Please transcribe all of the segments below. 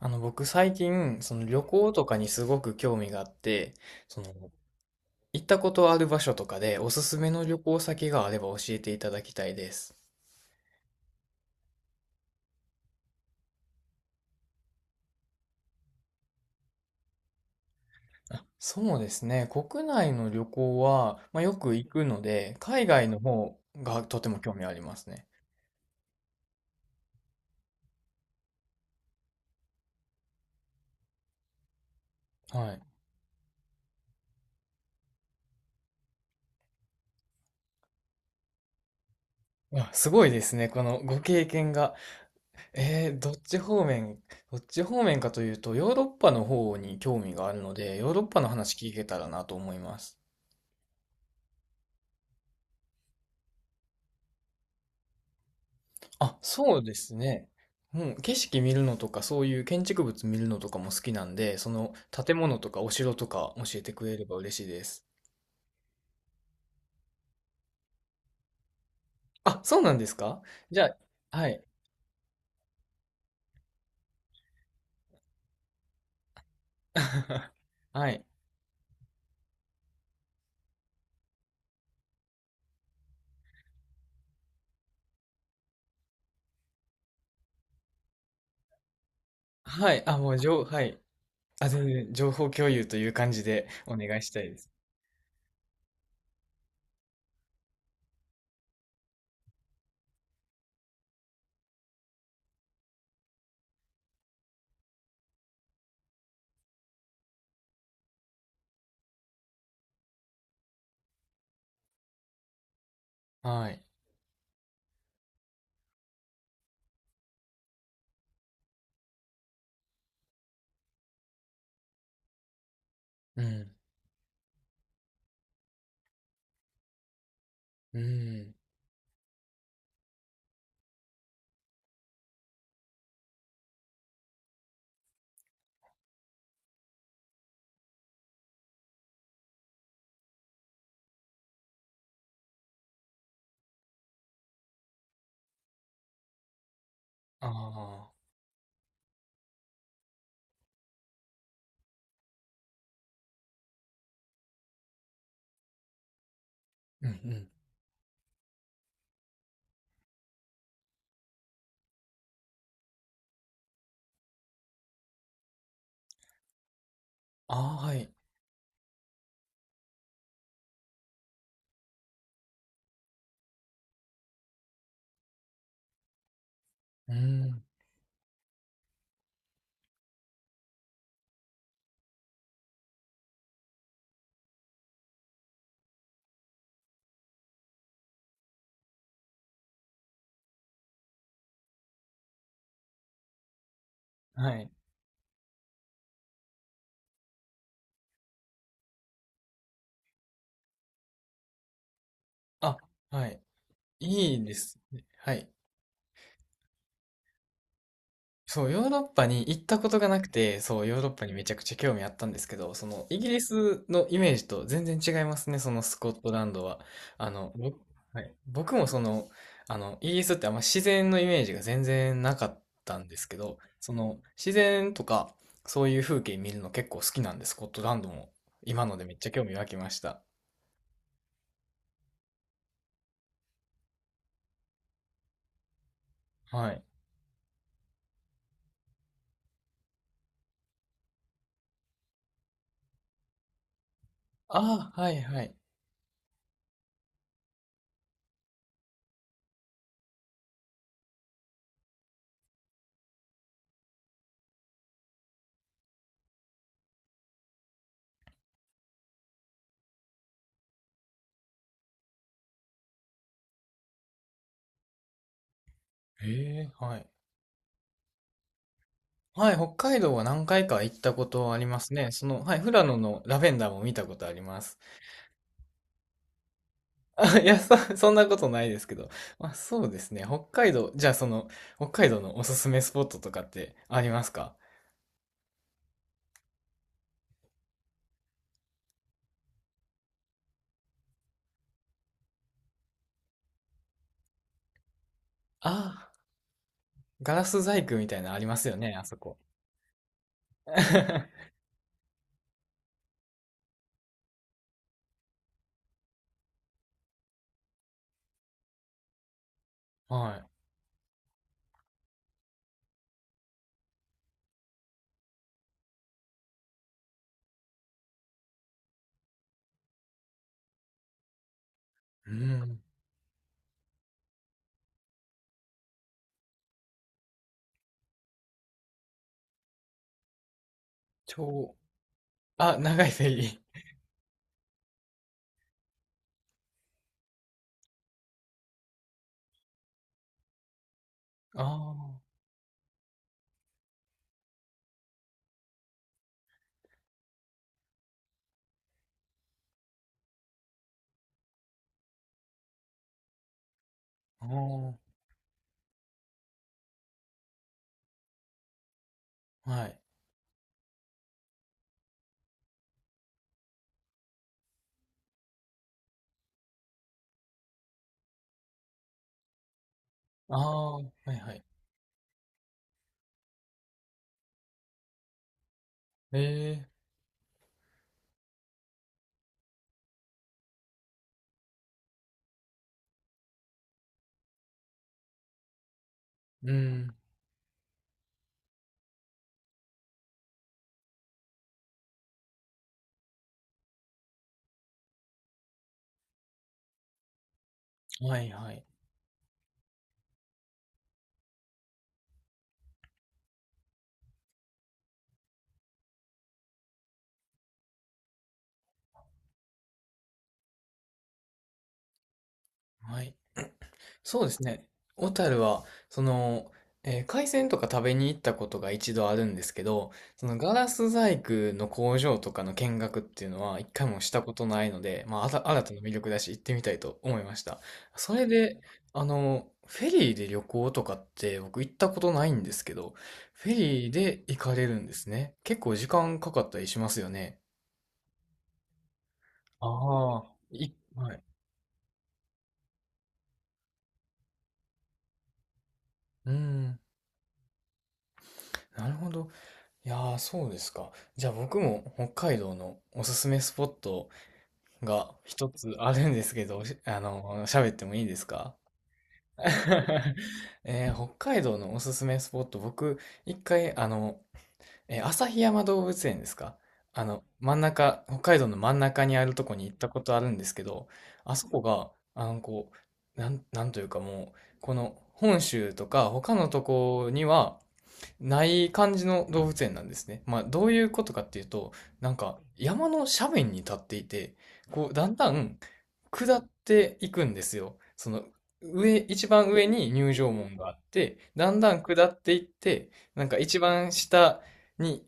僕最近、その旅行とかにすごく興味があって、その、行ったことある場所とかでおすすめの旅行先があれば教えていただきたいです。あ、そうですね。国内の旅行は、まあ、よく行くので、海外の方がとても興味ありますね。はい。あ、すごいですね。このご経験が。えー、どっち方面、どっち方面かというと、ヨーロッパの方に興味があるので、ヨーロッパの話聞けたらなと思います。あ、そうですね。うん、景色見るのとか、そういう建築物見るのとかも好きなんで、その建物とかお城とか教えてくれれば嬉しいです。あ、そうなんですか？じゃあ、はい。はい。はい。あ、もう、はい。あ、全然、情報共有という感じでお願いしたいです。はい。うん。うん。ああ。うんうん。ああ、はい。うん。はい。あ、はい。いいですね。はい。そう、ヨーロッパに行ったことがなくて、そう、ヨーロッパにめちゃくちゃ興味あったんですけど、その、イギリスのイメージと全然違いますね、そのスコットランドは。僕、はい、僕もイギリスってあんま自然のイメージが全然なかったんですけど、その、自然とか、そういう風景見るの結構好きなんで、スコットランドも、今のでめっちゃ興味湧きました。はい。ああ、はいはい。へえ、はい。はい、北海道は何回か行ったことありますね。はい、富良野のラベンダーも見たことあります。あ、いや、そんなことないですけど。まあ、そうですね。北海道、じゃあ北海道のおすすめスポットとかってありますか？ああ、ガラス細工みたいなのありますよね、あそこ。はい。うん。超、あ、長いフェリー。ああ、ああ、はい。ああ、はいはい。ええ、うん、はいはい。はい。そうですね。小樽は、海鮮とか食べに行ったことが一度あるんですけど、そのガラス細工の工場とかの見学っていうのは一回もしたことないので、まあ、新たな魅力だし行ってみたいと思いました。それで、フェリーで旅行とかって僕行ったことないんですけど、フェリーで行かれるんですね。結構時間かかったりしますよね。ああ、はい。うん、なるほど。いやー、そうですか。じゃあ僕も北海道のおすすめスポットが一つあるんですけど、喋ってもいいですか？ 北海道のおすすめスポット、僕、一回、旭山動物園ですか？あの、真ん中、北海道の真ん中にあるとこに行ったことあるんですけど、あそこが、こう、なんというかもう、この本州とか他のとこには、ない感じの動物園なんですね。まあ、どういうことかっていうと、なんか山の斜面に立っていて、こう、だんだん下っていくんですよ。一番上に入場門があって、だんだん下っていって、なんか一番下に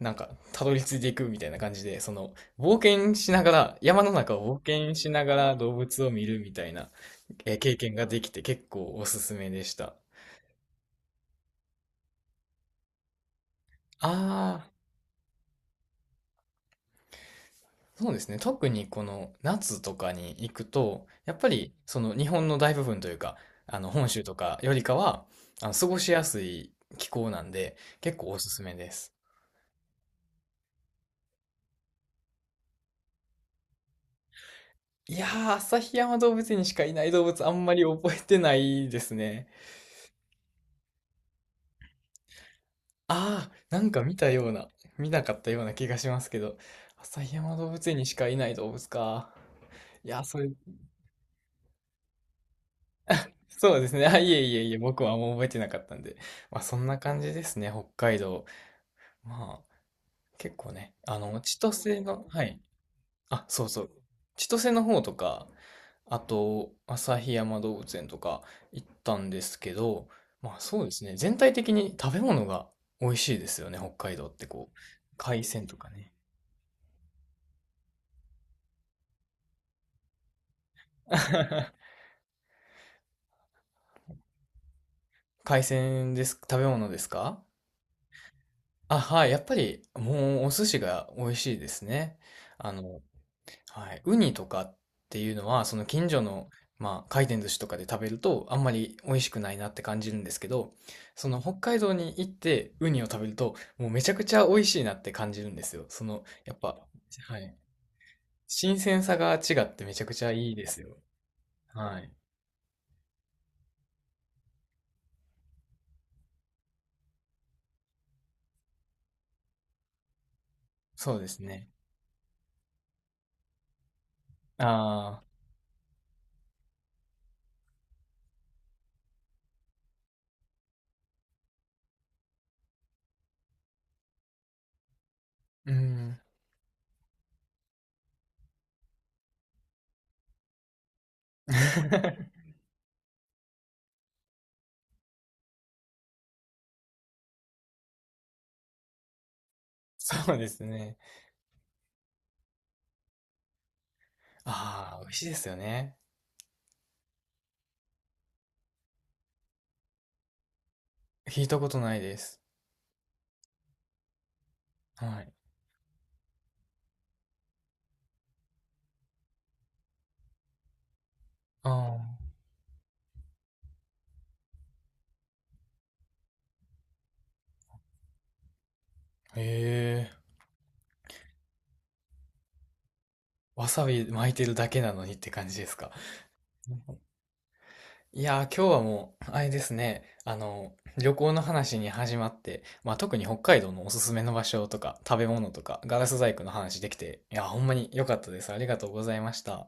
なんかたどり着いていくみたいな感じで、その、冒険しながら、山の中を冒険しながら動物を見るみたいな、経験ができて結構おすすめでした。ああ。そうですね。特にこの夏とかに行くと、やっぱりその日本の大部分というか、あの本州とかよりかは、あの過ごしやすい気候なんで、結構おすすめです。いやー、旭山動物園にしかいない動物あんまり覚えてないですね。あー、なんか見たような、見なかったような気がしますけど、旭山動物園にしかいない動物か。いやー、そうですね。あ、いえいえいえ、僕はもう覚えてなかったんで。まあ、そんな感じですね、北海道。まあ、結構ね、あの、千歳の、はい。あ、そうそう。千歳の方とか、あと、旭山動物園とか行ったんですけど、まあそうですね、全体的に食べ物が美味しいですよね、北海道ってこう。海鮮とかね。海鮮です、食べ物ですか？あ、はい、やっぱりもうお寿司が美味しいですね。あの、はい。ウニとかっていうのは、その近所の、まあ、回転寿司とかで食べると、あんまり美味しくないなって感じるんですけど、その北海道に行ってウニを食べると、もうめちゃくちゃ美味しいなって感じるんですよ。やっぱ、はい。新鮮さが違ってめちゃくちゃいいですよ。はい。そうですね。ああ、うん。そうですね。ああ、美味しいですよね。聞いたことないです。はい。ああ、へえ。わさび巻いてるだけなのにって感じですか？いやー、今日はもう、あれですね、旅行の話に始まって、まあ特に北海道のおすすめの場所とか、食べ物とか、ガラス細工の話できて、いやー、ほんまに良かったです。ありがとうございました。